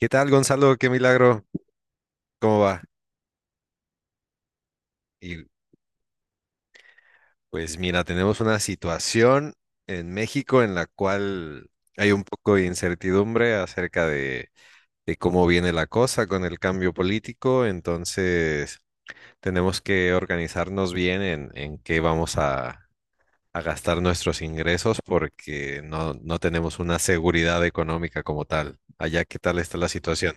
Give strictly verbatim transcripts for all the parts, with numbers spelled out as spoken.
¿Qué tal, Gonzalo? ¿Qué milagro? ¿Cómo va? Y pues mira, tenemos una situación en México en la cual hay un poco de incertidumbre acerca de, de cómo viene la cosa con el cambio político. Entonces tenemos que organizarnos bien en, en qué vamos a, a gastar nuestros ingresos, porque no, no tenemos una seguridad económica como tal. Allá, ¿qué tal está la situación?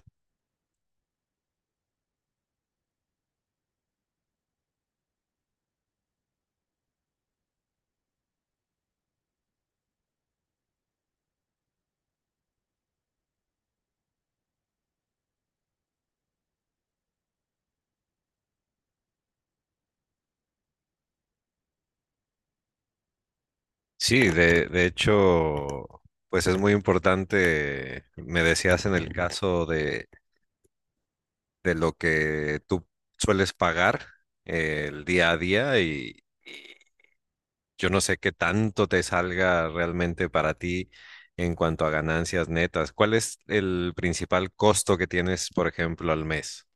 Sí, de, de hecho, pues es muy importante. Me decías en el caso de, de lo que tú sueles pagar eh, el día a día, y, y yo no sé qué tanto te salga realmente para ti en cuanto a ganancias netas. ¿Cuál es el principal costo que tienes, por ejemplo, al mes?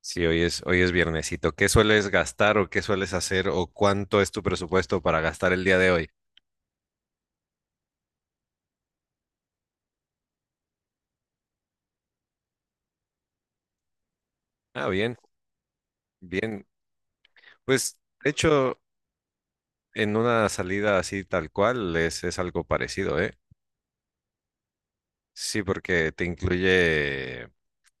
Si hoy es, hoy es viernesito, ¿qué sueles gastar o qué sueles hacer o cuánto es tu presupuesto para gastar el día de hoy? Ah, bien, bien. Pues, de hecho... En una salida así tal cual, es, es algo parecido, ¿eh? Sí, porque te incluye,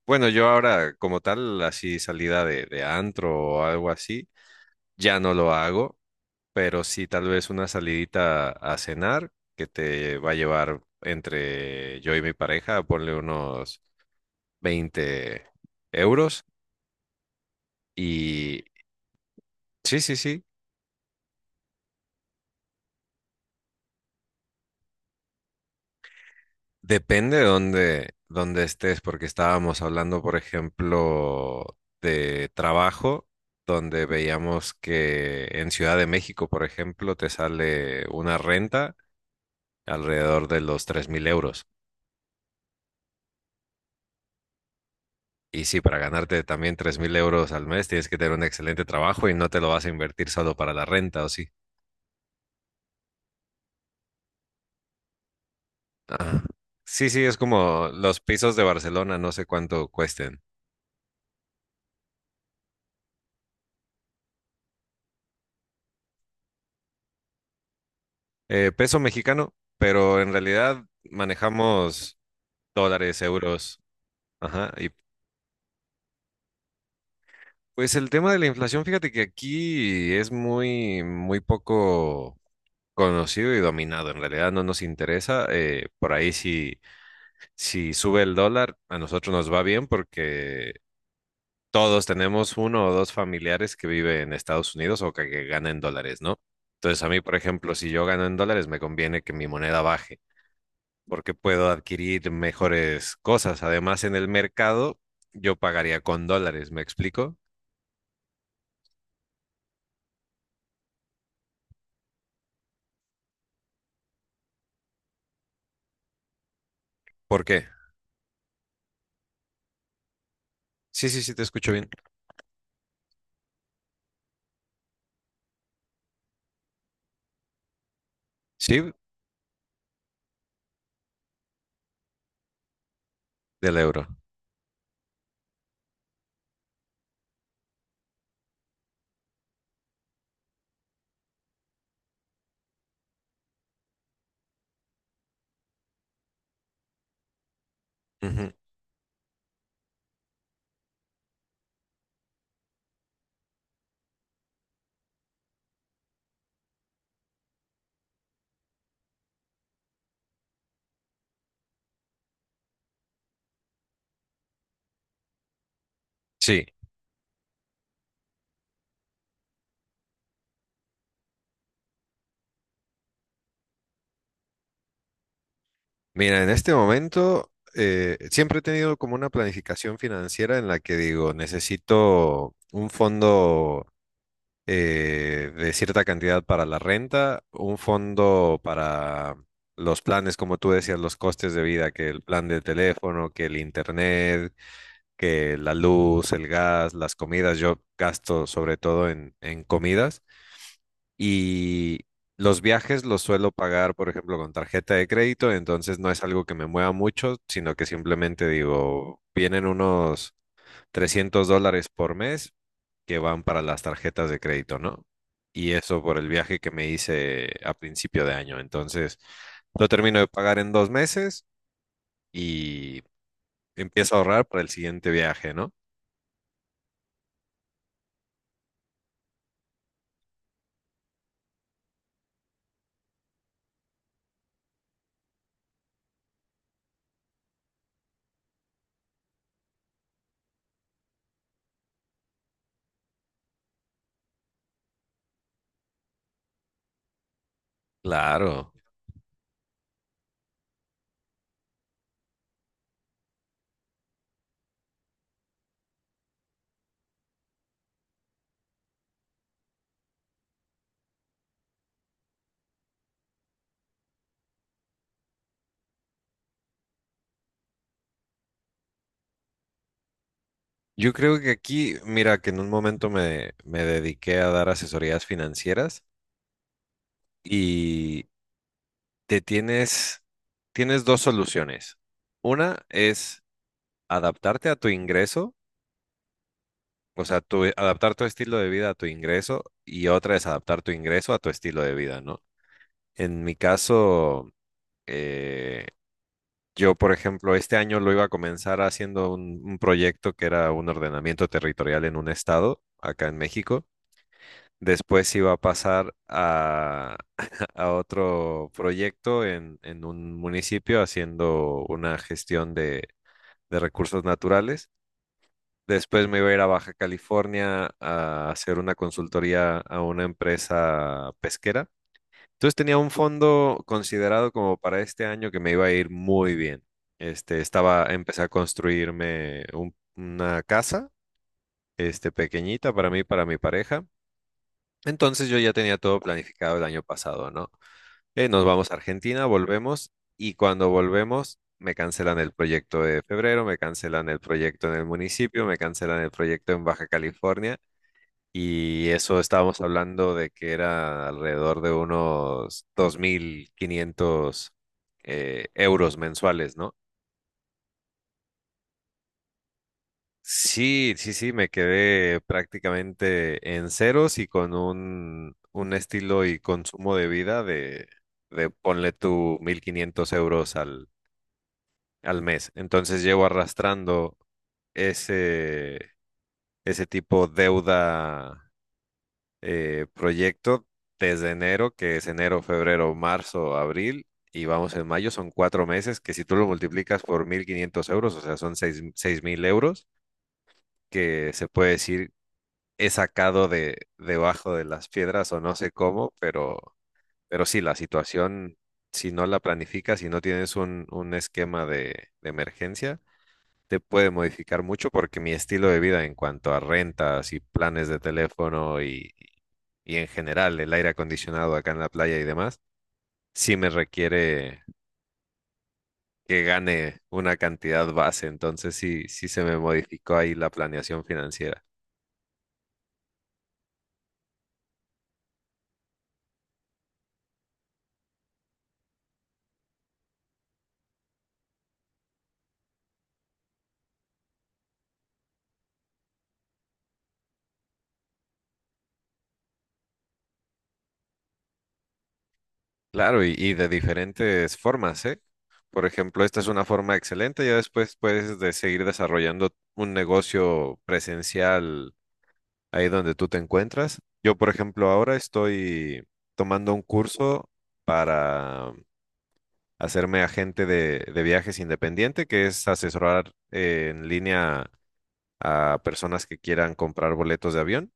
bueno, yo ahora como tal, así salida de, de antro o algo así, ya no lo hago, pero sí tal vez una salidita a cenar que te va a llevar entre yo y mi pareja, ponle unos veinte euros. Y sí, sí, sí. Depende de dónde, dónde estés, porque estábamos hablando, por ejemplo, de trabajo, donde veíamos que en Ciudad de México, por ejemplo, te sale una renta alrededor de los tres mil euros. Y sí, para ganarte también tres mil euros al mes tienes que tener un excelente trabajo y no te lo vas a invertir solo para la renta, ¿o sí? Ah, sí, sí, es como los pisos de Barcelona, no sé cuánto cuesten. Eh, peso mexicano, pero en realidad manejamos dólares, euros. Ajá. Y pues el tema de la inflación, fíjate que aquí es muy, muy poco conocido y dominado. En realidad no nos interesa. Eh, por ahí, si, si sube el dólar, a nosotros nos va bien, porque todos tenemos uno o dos familiares que vive en Estados Unidos, o que, que ganan en dólares, ¿no? Entonces a mí, por ejemplo, si yo gano en dólares, me conviene que mi moneda baje porque puedo adquirir mejores cosas. Además, en el mercado yo pagaría con dólares, ¿me explico? ¿Por qué? Sí, sí, sí, te escucho bien. Sí, del euro. Ujú. Sí. Mira, en este momento eh, siempre he tenido como una planificación financiera en la que digo, necesito un fondo eh, de cierta cantidad para la renta, un fondo para los planes, como tú decías, los costes de vida, que el plan de teléfono, que el internet, que la luz, el gas, las comidas. Yo gasto sobre todo en en comidas. Y los viajes los suelo pagar, por ejemplo, con tarjeta de crédito. Entonces no es algo que me mueva mucho, sino que simplemente digo, vienen unos trescientos dólares por mes que van para las tarjetas de crédito, ¿no? Y eso por el viaje que me hice a principio de año. Entonces, lo termino de pagar en dos meses y empiezo a ahorrar para el siguiente viaje, ¿no? Claro. Yo creo que aquí, mira, que en un momento me, me dediqué a dar asesorías financieras y te tienes, tienes dos soluciones. Una es adaptarte a tu ingreso, o sea, tu- adaptar tu estilo de vida a tu ingreso, y otra es adaptar tu ingreso a tu estilo de vida, ¿no? En mi caso, eh, yo, por ejemplo, este año lo iba a comenzar haciendo un un proyecto que era un ordenamiento territorial en un estado acá en México. Después iba a pasar a, a otro proyecto en, en un municipio haciendo una gestión de, de recursos naturales. Después me iba a ir a Baja California a hacer una consultoría a una empresa pesquera. Entonces tenía un fondo considerado como para este año que me iba a ir muy bien. Este, estaba, empecé a construirme un- una casa, este, pequeñita para mí, para mi pareja. Entonces yo ya tenía todo planificado el año pasado, ¿no? Eh, nos vamos a Argentina, volvemos, y cuando volvemos me cancelan el proyecto de febrero, me cancelan el proyecto en el municipio, me cancelan el proyecto en Baja California, y eso estábamos hablando de que era alrededor de unos dos mil quinientos eh, euros mensuales, ¿no? Sí, sí, sí, me quedé prácticamente en ceros y con un, un estilo y consumo de vida de, de ponle tú mil quinientos euros al, al mes. Entonces llevo arrastrando ese, ese tipo deuda eh, proyecto desde enero, que es enero, febrero, marzo, abril, y vamos en mayo. Son cuatro meses que si tú lo multiplicas por mil quinientos euros, o sea, son seis seis mil euros, que se puede decir he sacado de debajo de las piedras o no sé cómo, pero, pero sí, la situación, si no la planificas, si no tienes un, un esquema de, de emergencia, te puede modificar mucho, porque mi estilo de vida en cuanto a rentas y planes de teléfono, y, y en general el aire acondicionado acá en la playa y demás, sí me requiere que gane una cantidad base. Entonces sí, sí se me modificó ahí la planeación financiera. Claro, y, y de diferentes formas, ¿eh? Por ejemplo, esta es una forma excelente, ya después puedes de seguir desarrollando un negocio presencial ahí donde tú te encuentras. Yo, por ejemplo, ahora estoy tomando un curso para hacerme agente de, de viajes independiente, que es asesorar eh, en línea a personas que quieran comprar boletos de avión.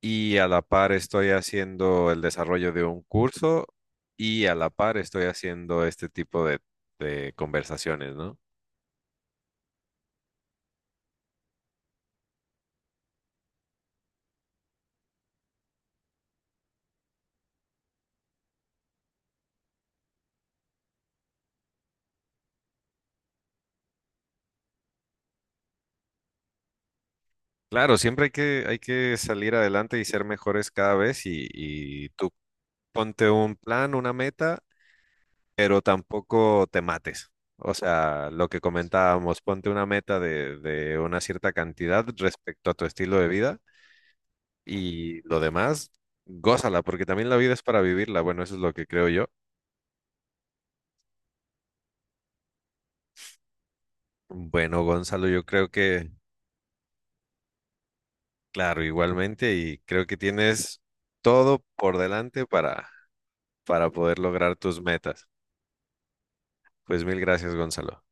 Y a la par estoy haciendo el desarrollo de un curso, y a la par estoy haciendo este tipo de, de conversaciones, ¿no? Claro, siempre hay que, hay que salir adelante y ser mejores cada vez, y, y tú ponte un plan, una meta, pero tampoco te mates. O sea, lo que comentábamos, ponte una meta de, de una cierta cantidad respecto a tu estilo de vida, y lo demás, gózala, porque también la vida es para vivirla. Bueno, eso es lo que creo yo. Bueno, Gonzalo, yo creo que, claro, igualmente, y creo que tienes todo por delante para, para poder lograr tus metas. Pues mil gracias, Gonzalo.